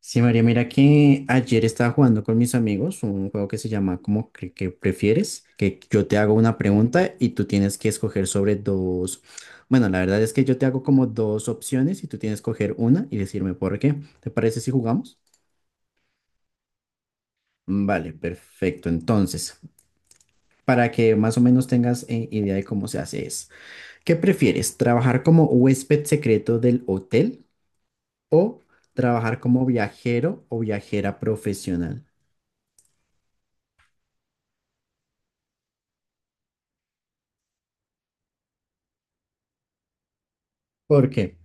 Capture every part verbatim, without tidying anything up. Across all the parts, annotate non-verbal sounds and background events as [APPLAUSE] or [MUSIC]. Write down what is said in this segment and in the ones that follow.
Sí, María, mira que ayer estaba jugando con mis amigos un juego que se llama como que, que prefieres, que yo te hago una pregunta y tú tienes que escoger sobre dos. Bueno, la verdad es que yo te hago como dos opciones y tú tienes que escoger una y decirme por qué. ¿Te parece si jugamos? Mm, Vale, perfecto. Entonces, para que más o menos tengas eh, idea de cómo se hace es, ¿qué prefieres? ¿Trabajar como huésped secreto del hotel o trabajar como viajero o viajera profesional? ¿Por qué?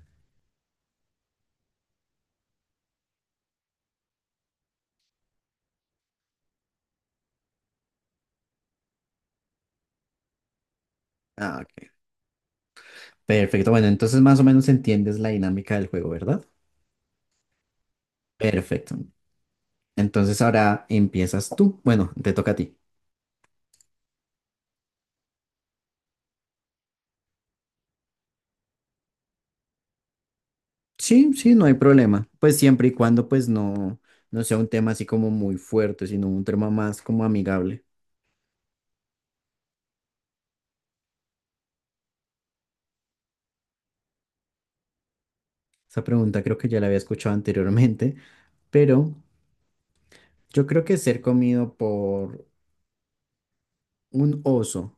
Ah, ok. Perfecto, bueno, entonces más o menos entiendes la dinámica del juego, ¿verdad? Perfecto. Entonces ahora empiezas tú. Bueno, te toca a ti. Sí, sí, no hay problema. Pues siempre y cuando pues no, no sea un tema así como muy fuerte, sino un tema más como amigable. Esa pregunta creo que ya la había escuchado anteriormente, pero yo creo que ser comido por un oso,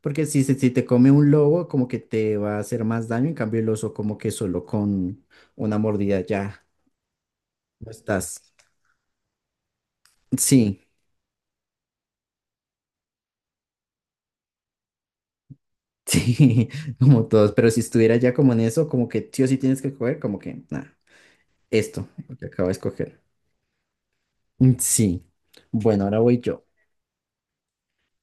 porque si, se- si te come un lobo como que te va a hacer más daño, en cambio el oso como que solo con una mordida ya no estás. Sí, [LAUGHS] sí, como todos, pero si estuviera ya como en eso, como que sí o sí tienes que coger, como que nada, esto, lo que acabo de escoger. Mm, Sí, bueno, ahora voy yo.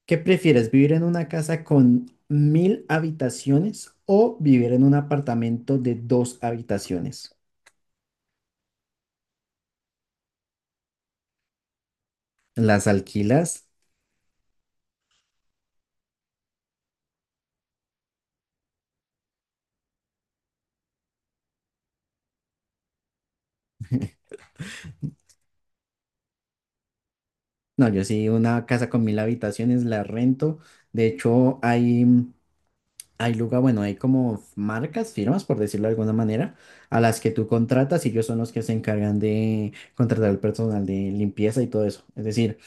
¿Qué prefieres, vivir en una casa con mil habitaciones o vivir en un apartamento de dos habitaciones? ¿Las alquilas? No, yo sí, una casa con mil habitaciones la rento. De hecho, hay... Hay lugar, bueno, hay como marcas, firmas, por decirlo de alguna manera, a las que tú contratas y ellos son los que se encargan de contratar el personal de limpieza y todo eso. Es decir,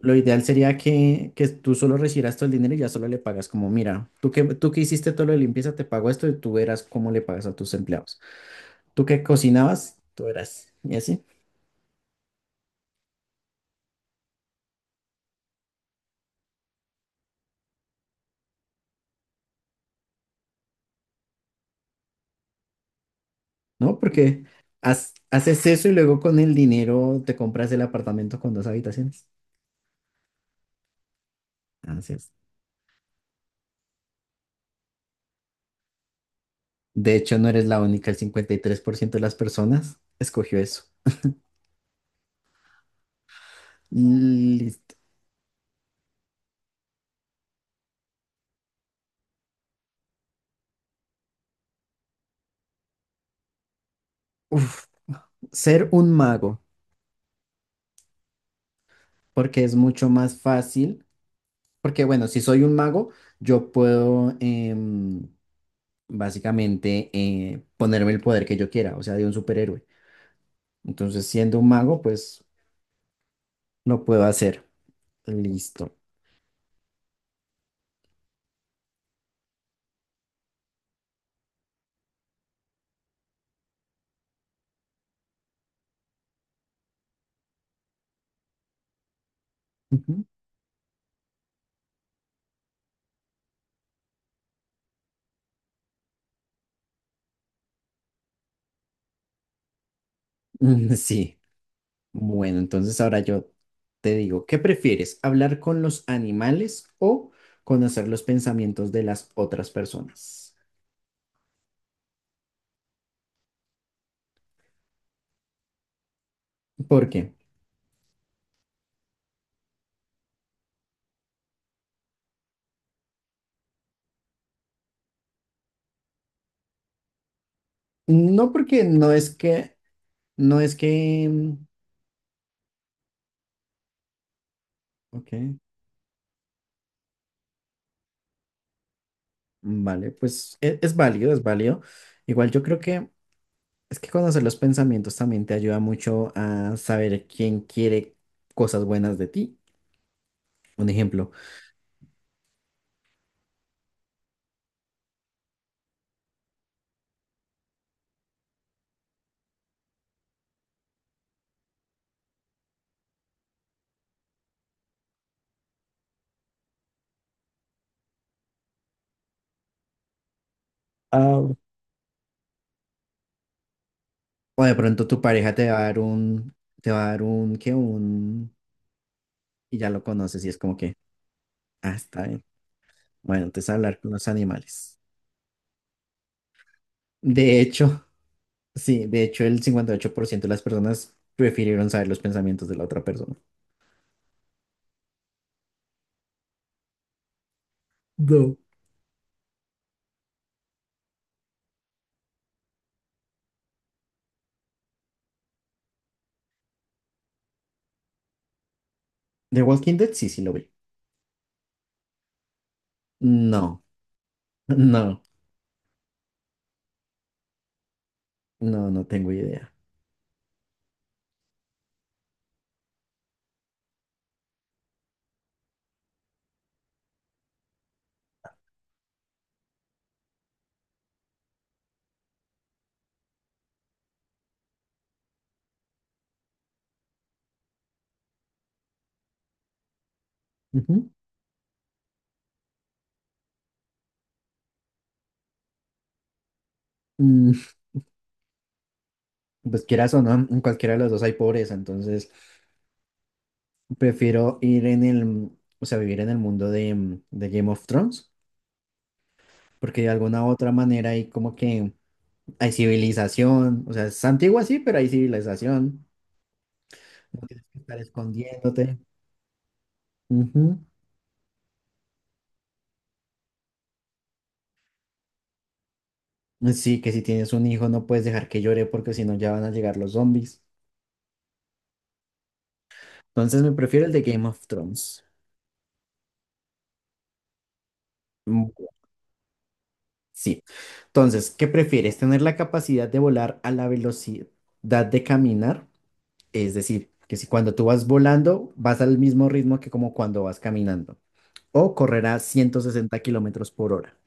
lo ideal sería que, que tú solo recibieras todo el dinero y ya solo le pagas como, mira, tú que, tú que hiciste todo lo de limpieza, te pago esto y tú verás cómo le pagas a tus empleados. Tú que cocinabas, tú verás. Y así, ¿no? Porque haz- haces eso y luego con el dinero te compras el apartamento con dos habitaciones. Así de hecho, no eres la única, el cincuenta y tres por ciento de las personas escogió eso. Listo. Uf, ser un mago, porque es mucho más fácil, porque bueno, si soy un mago, yo puedo em, básicamente eh, ponerme el poder que yo quiera, o sea, de un superhéroe. Entonces, siendo un mago, pues lo puedo hacer. Listo. Ujú. [LAUGHS] Sí. Bueno, entonces ahora yo te digo, ¿qué prefieres? ¿Hablar con los animales o conocer los pensamientos de las otras personas? ¿Por qué? No porque no es que, no es que, mm, ok, vale, pues e- es, válido, es válido. Igual yo creo que es que conocer los pensamientos también te ayuda mucho a saber quién quiere cosas buenas de ti. Un ejemplo. Ah, o de pronto tu pareja te va a dar un, te va a dar un, ¿qué? Y ya lo conoces y es como que, ah, está bien. Bueno, entonces hablar con los animales. De hecho, sí, de hecho el cincuenta y ocho por ciento de las personas prefirieron saber los pensamientos de la otra persona. No. The Walking Dead, sí, sí lo vi. No, [LAUGHS] no, no, no tengo idea. Ujú. Mm, pues quieras o no, en cualquiera de los dos hay pobreza, entonces prefiero ir en el, o sea, vivir en el mundo de, de Game of Thrones, porque de alguna u otra manera ahí como que hay civilización, o sea, es antigua sí, pero hay civilización. No tienes que estar escondiéndote. Ujú. Sí, que si tienes un hijo no puedes dejar que llore porque si no ya van a llegar los zombies. Entonces me prefiero el de Game of Thrones. Mm, Sí. Entonces, ¿qué prefieres? ¿Tener la capacidad de volar a la velocidad de caminar? Es decir, que si cuando tú vas volando vas al mismo ritmo que como cuando vas caminando. O correr a ciento sesenta kilómetros por hora.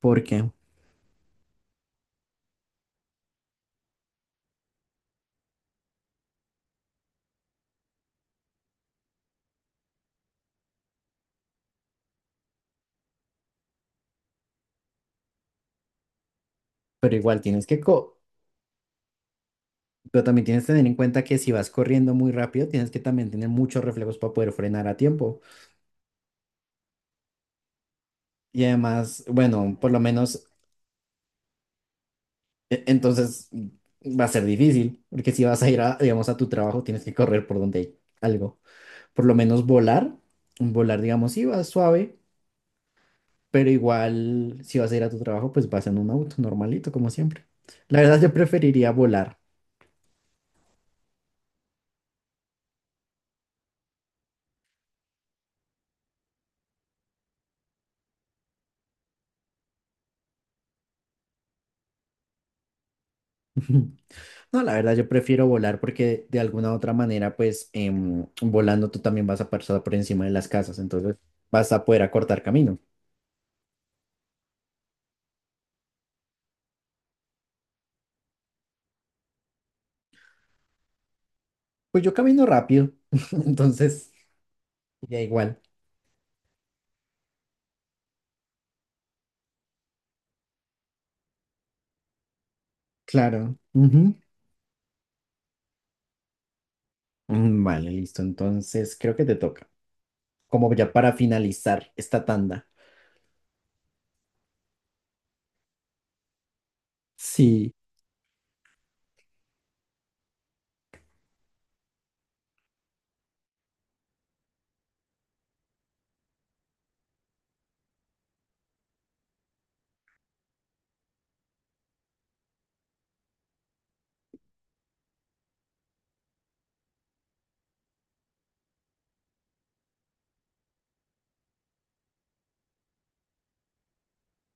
¿Por qué? Pero igual tienes que co- pero también tienes que tener en cuenta que si vas corriendo muy rápido, tienes que también tener muchos reflejos para poder frenar a tiempo. Y además, bueno, por lo menos e- entonces va a ser difícil, porque si vas a ir a, digamos, a tu trabajo, tienes que correr por donde hay algo. Por lo menos volar, volar, digamos, sí vas suave, pero igual si vas a ir a tu trabajo, pues vas en un auto normalito, como siempre. La verdad, yo preferiría volar. [LAUGHS] No, la verdad, yo prefiero volar porque de alguna u otra manera, pues em, volando tú también vas a pasar por encima de las casas, entonces vas a poder acortar camino. Pues yo camino rápido, [LAUGHS] entonces ya igual. Claro. Ujú. Mm, Vale, listo. Entonces creo que te toca. Como ya para finalizar esta tanda. Sí,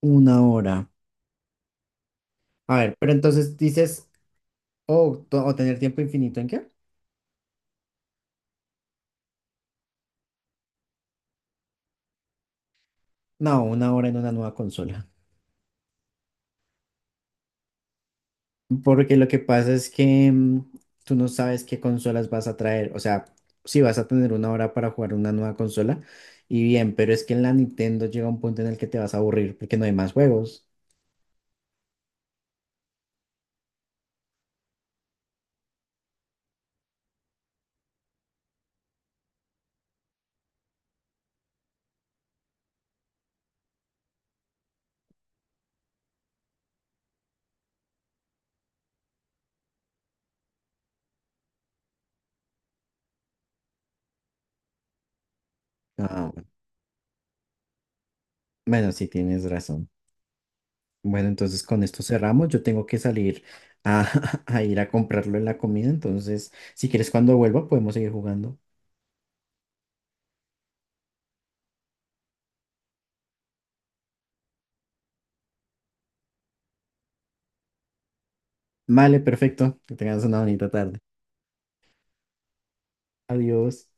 una hora. A ver, pero entonces dices, oh, to- o tener tiempo infinito en qué? No, una hora en una nueva consola. Porque lo que pasa es que mm, tú no sabes qué consolas vas a traer. O sea, si vas a tener una hora para jugar una nueva consola, y bien, pero es que en la Nintendo llega un punto en el que te vas a aburrir porque no hay más juegos. Ah, bueno, bueno, sí, tienes razón. Bueno, entonces con esto cerramos. Yo tengo que salir a, [LAUGHS] a ir a comprarlo en la comida. Entonces, si quieres, cuando vuelva, podemos seguir jugando. Vale, perfecto. Que tengas una bonita tarde. Adiós.